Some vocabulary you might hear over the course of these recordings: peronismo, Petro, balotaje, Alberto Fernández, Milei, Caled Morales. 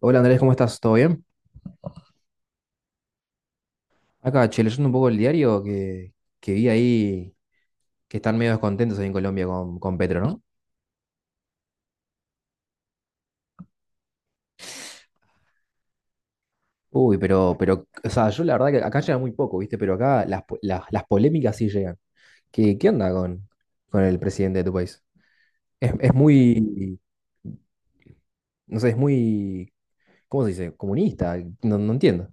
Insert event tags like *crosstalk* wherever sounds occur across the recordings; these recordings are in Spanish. Hola Andrés, ¿cómo estás? ¿Todo bien? Acá, che, leyendo un poco el diario que vi ahí que están medio descontentos ahí en Colombia con Petro, ¿no? Uy, pero, o sea, yo la verdad que acá llega muy poco, ¿viste? Pero acá las polémicas sí llegan. ¿Qué onda con el presidente de tu país? Es muy, no sé, es muy, ¿cómo se dice? Comunista, no, no entiendo.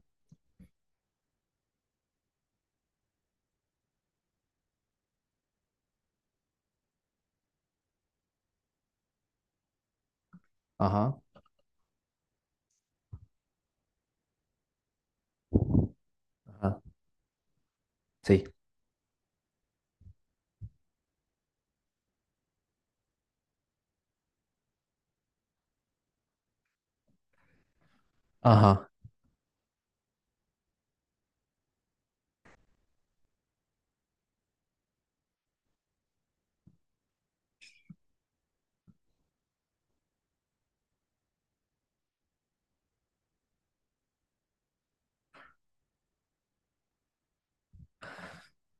Ajá, ajá, sí, ajá.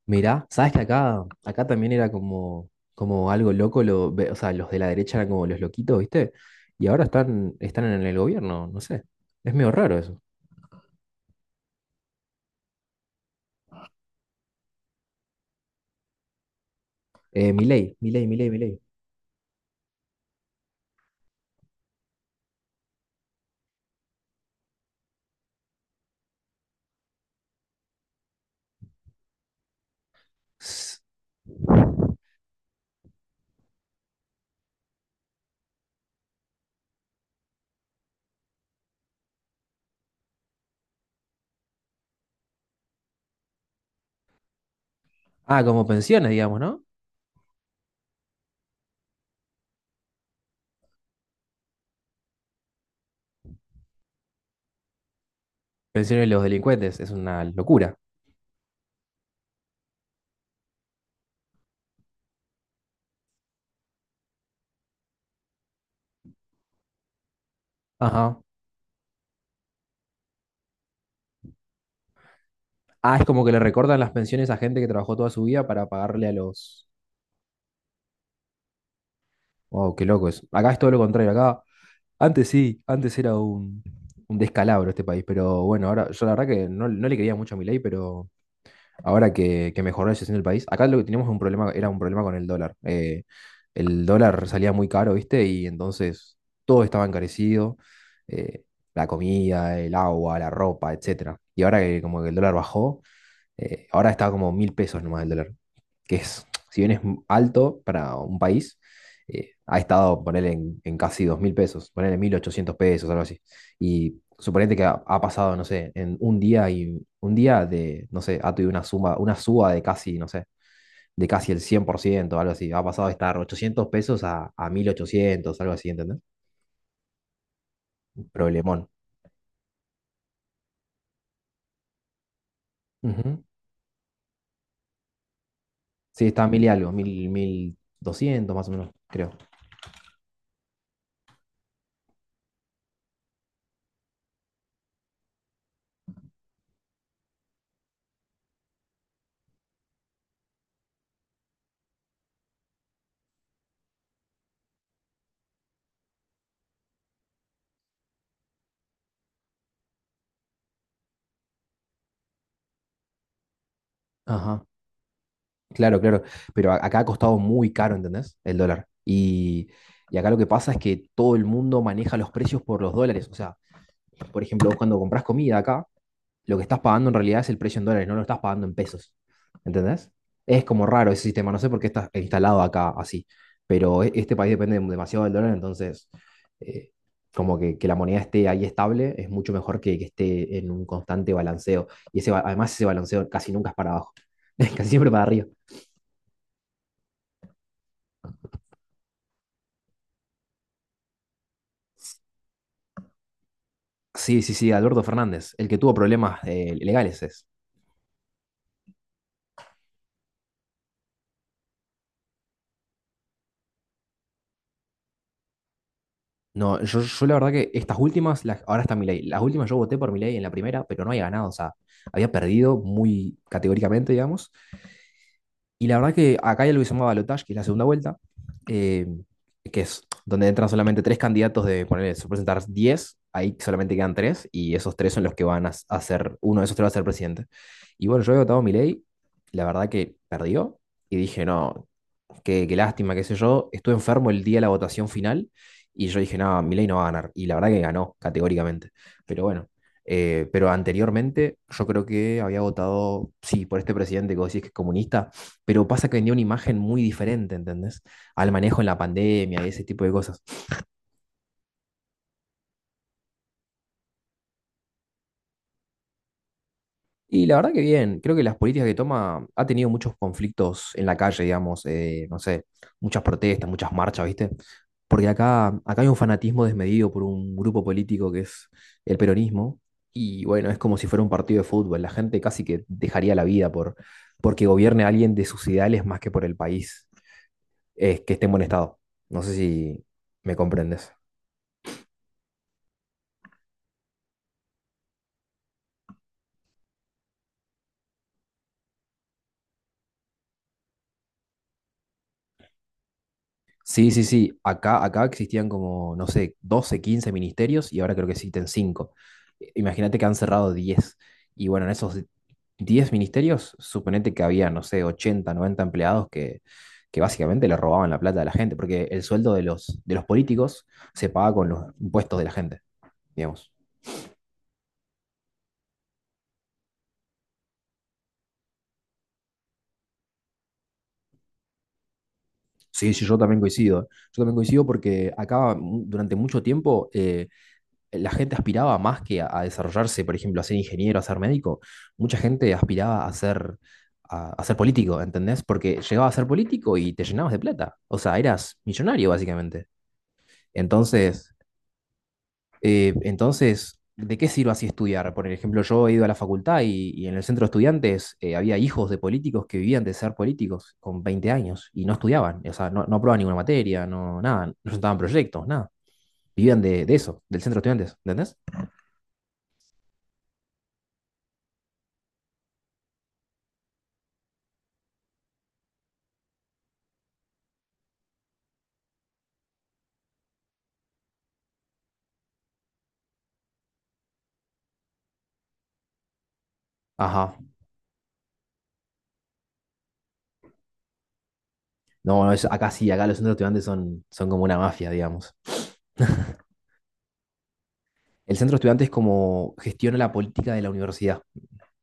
Mirá, sabes que acá también era como algo loco, o sea, los de la derecha eran como los loquitos, ¿viste? Y ahora están en el gobierno, no sé. Es medio raro eso. Milei, Milei, Milei, Milei. S- Ah, como pensiones, digamos, ¿no? Pensiones de los delincuentes, es una locura. Ajá. Ah, es como que le recortan las pensiones a gente que trabajó toda su vida para pagarle a los. Wow, qué loco eso. Acá es todo lo contrario, acá. Antes sí, antes era un descalabro este país, pero bueno, ahora yo la verdad que no, no le quería mucho a Milei, pero ahora que mejoró la situación del país, acá lo que teníamos un problema, era un problema con el dólar. El dólar salía muy caro, ¿viste? Y entonces todo estaba encarecido, eh, la comida, el agua, la ropa, etcétera. Y ahora que como que el dólar bajó, ahora está como 1.000 pesos nomás el dólar, que es, si bien es alto para un país, ha estado, ponele, en casi 2.000 pesos, ponele 1.800 pesos, algo así. Y suponete que ha pasado, no sé, en un día y un día de, no sé, ha tenido una suma, una suba de casi, no sé, de casi el 100% algo así. Ha pasado de estar 800 pesos a 1.800 algo así, ¿entendés? Un problemón. Ujú. Sí, está mil y algo, mil doscientos más o menos, creo. Ajá. Claro, claro, pero acá ha costado muy caro, ¿entendés? El dólar. Y acá lo que pasa es que todo el mundo maneja los precios por los dólares. O sea, por ejemplo, vos cuando compras comida acá, lo que estás pagando en realidad es el precio en dólares, no lo estás pagando en pesos. ¿Entendés? Es como raro ese sistema, no sé por qué está instalado acá así, pero este país depende demasiado del dólar, entonces eh, como que la moneda esté ahí estable es mucho mejor que esté en un constante balanceo. Y además ese balanceo casi nunca es para abajo, *laughs* casi siempre para arriba. Sí, sí, sí, Alberto Fernández, el que tuvo problemas legales es. No, yo la verdad que estas últimas, ahora está Milei. Las últimas yo voté por Milei en la primera, pero no había ganado, o sea, había perdido muy categóricamente, digamos. Y la verdad que acá hay algo que se llama balotaje, que es la segunda vuelta, eh, que es donde entran solamente tres candidatos de ponerle, se presentar 10, ahí solamente quedan tres, y esos tres son los que van a ser, uno de esos tres va a ser presidente. Y bueno, yo he votado Milei, la verdad que perdió, y dije, no, qué lástima, qué sé yo. Estuve enfermo el día de la votación final y yo dije, no, Milei no va a ganar. Y la verdad que ganó, categóricamente. Pero bueno, pero anteriormente yo creo que había votado, sí, por este presidente que vos decís que es comunista, pero pasa que vendió una imagen muy diferente, ¿entendés? Al manejo en la pandemia y ese tipo de cosas. Y la verdad que bien, creo que las políticas que toma ha tenido muchos conflictos en la calle, digamos, no sé, muchas protestas, muchas marchas, ¿viste? Porque acá hay un fanatismo desmedido por un grupo político que es el peronismo, y bueno, es como si fuera un partido de fútbol, la gente casi que dejaría la vida porque gobierne a alguien de sus ideales más que por el país, que esté en buen estado. No sé si me comprendes. Sí, sí, sí. Acá existían como, no sé, 12 15 ministerios y ahora creo que existen 5. Imagínate que han cerrado 10. Y bueno, en esos 10 ministerios, suponete que había, no sé, 80 90 empleados que básicamente le robaban la plata a la gente, porque el sueldo de los políticos se paga con los impuestos de la gente, digamos. Sí, sí, yo también coincido. Yo también coincido porque acá durante mucho tiempo la gente aspiraba más que a desarrollarse, por ejemplo, a ser ingeniero, a ser médico, mucha gente aspiraba a ser, a ser político, ¿entendés? Porque llegabas a ser político y te llenabas de plata, o sea, eras millonario básicamente. Entonces, entonces, ¿de qué sirve así estudiar? Por ejemplo, yo he ido a la facultad y en el centro de estudiantes había hijos de políticos que vivían de ser políticos con 20 años y no estudiaban, o sea, no, no aprobaban ninguna materia, no, nada, no presentaban proyectos, nada. Vivían de eso, del centro de estudiantes, ¿entendés? Ajá. No, no, acá sí, acá los centros estudiantes son como una mafia, digamos. *laughs* El centro estudiante es como gestiona la política de la universidad,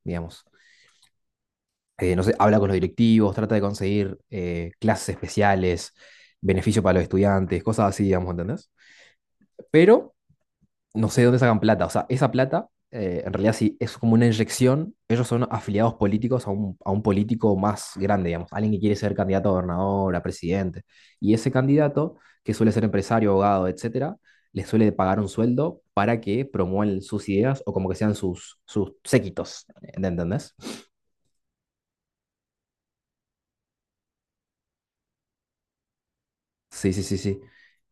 digamos. No sé, habla con los directivos, trata de conseguir clases especiales, beneficio para los estudiantes, cosas así, digamos, ¿entendés? Pero no sé de dónde sacan plata. O sea, esa plata, en realidad sí, es como una inyección. Ellos son afiliados políticos a un político más grande, digamos, alguien que quiere ser candidato a gobernador, a presidente. Y ese candidato, que suele ser empresario, abogado, etcétera, les suele pagar un sueldo para que promuevan sus ideas o como que sean sus séquitos, ¿entendés? Sí, sí, sí, sí.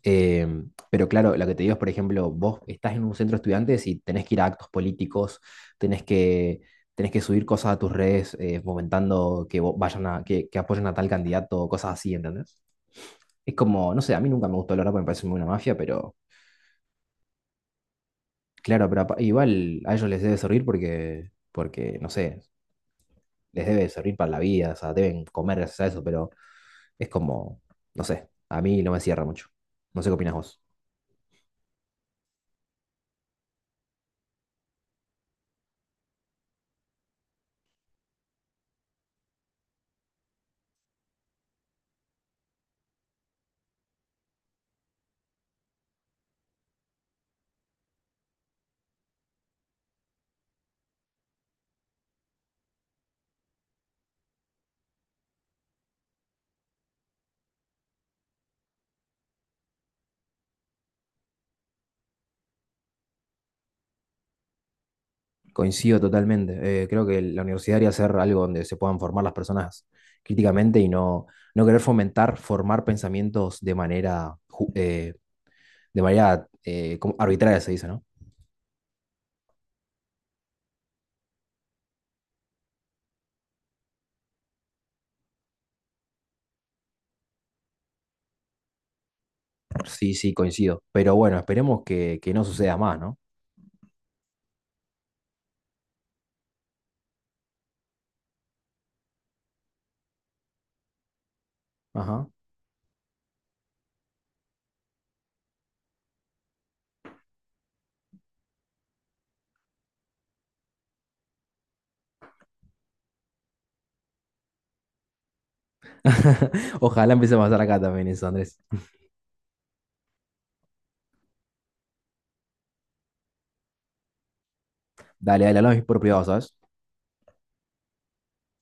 Pero claro, lo que te digo es, por ejemplo, vos estás en un centro de estudiantes y tenés que ir a actos políticos, tenés que, tenés que subir cosas a tus redes fomentando que vayan a, que apoyen a tal candidato, cosas así, ¿entendés? Es como, no sé, a mí nunca me gustó la verdad porque me parece muy una mafia, pero claro, pero igual a ellos les debe servir porque, no sé, les debe servir para la vida, o sea, deben comer gracias a eso, pero es como, no sé, a mí no me cierra mucho. No sé qué opinas vos. Coincido totalmente. Creo que la universidad debería ser algo donde se puedan formar las personas críticamente y no, no querer fomentar, formar pensamientos de manera, como arbitraria, se dice, ¿no? Sí, sí, coincido. Pero bueno, esperemos que no suceda más, ¿no? Ajá. *laughs* Ojalá empiece a pasar acá también eso, Andrés. Dale, dale, hablamos por privado, ¿sabes?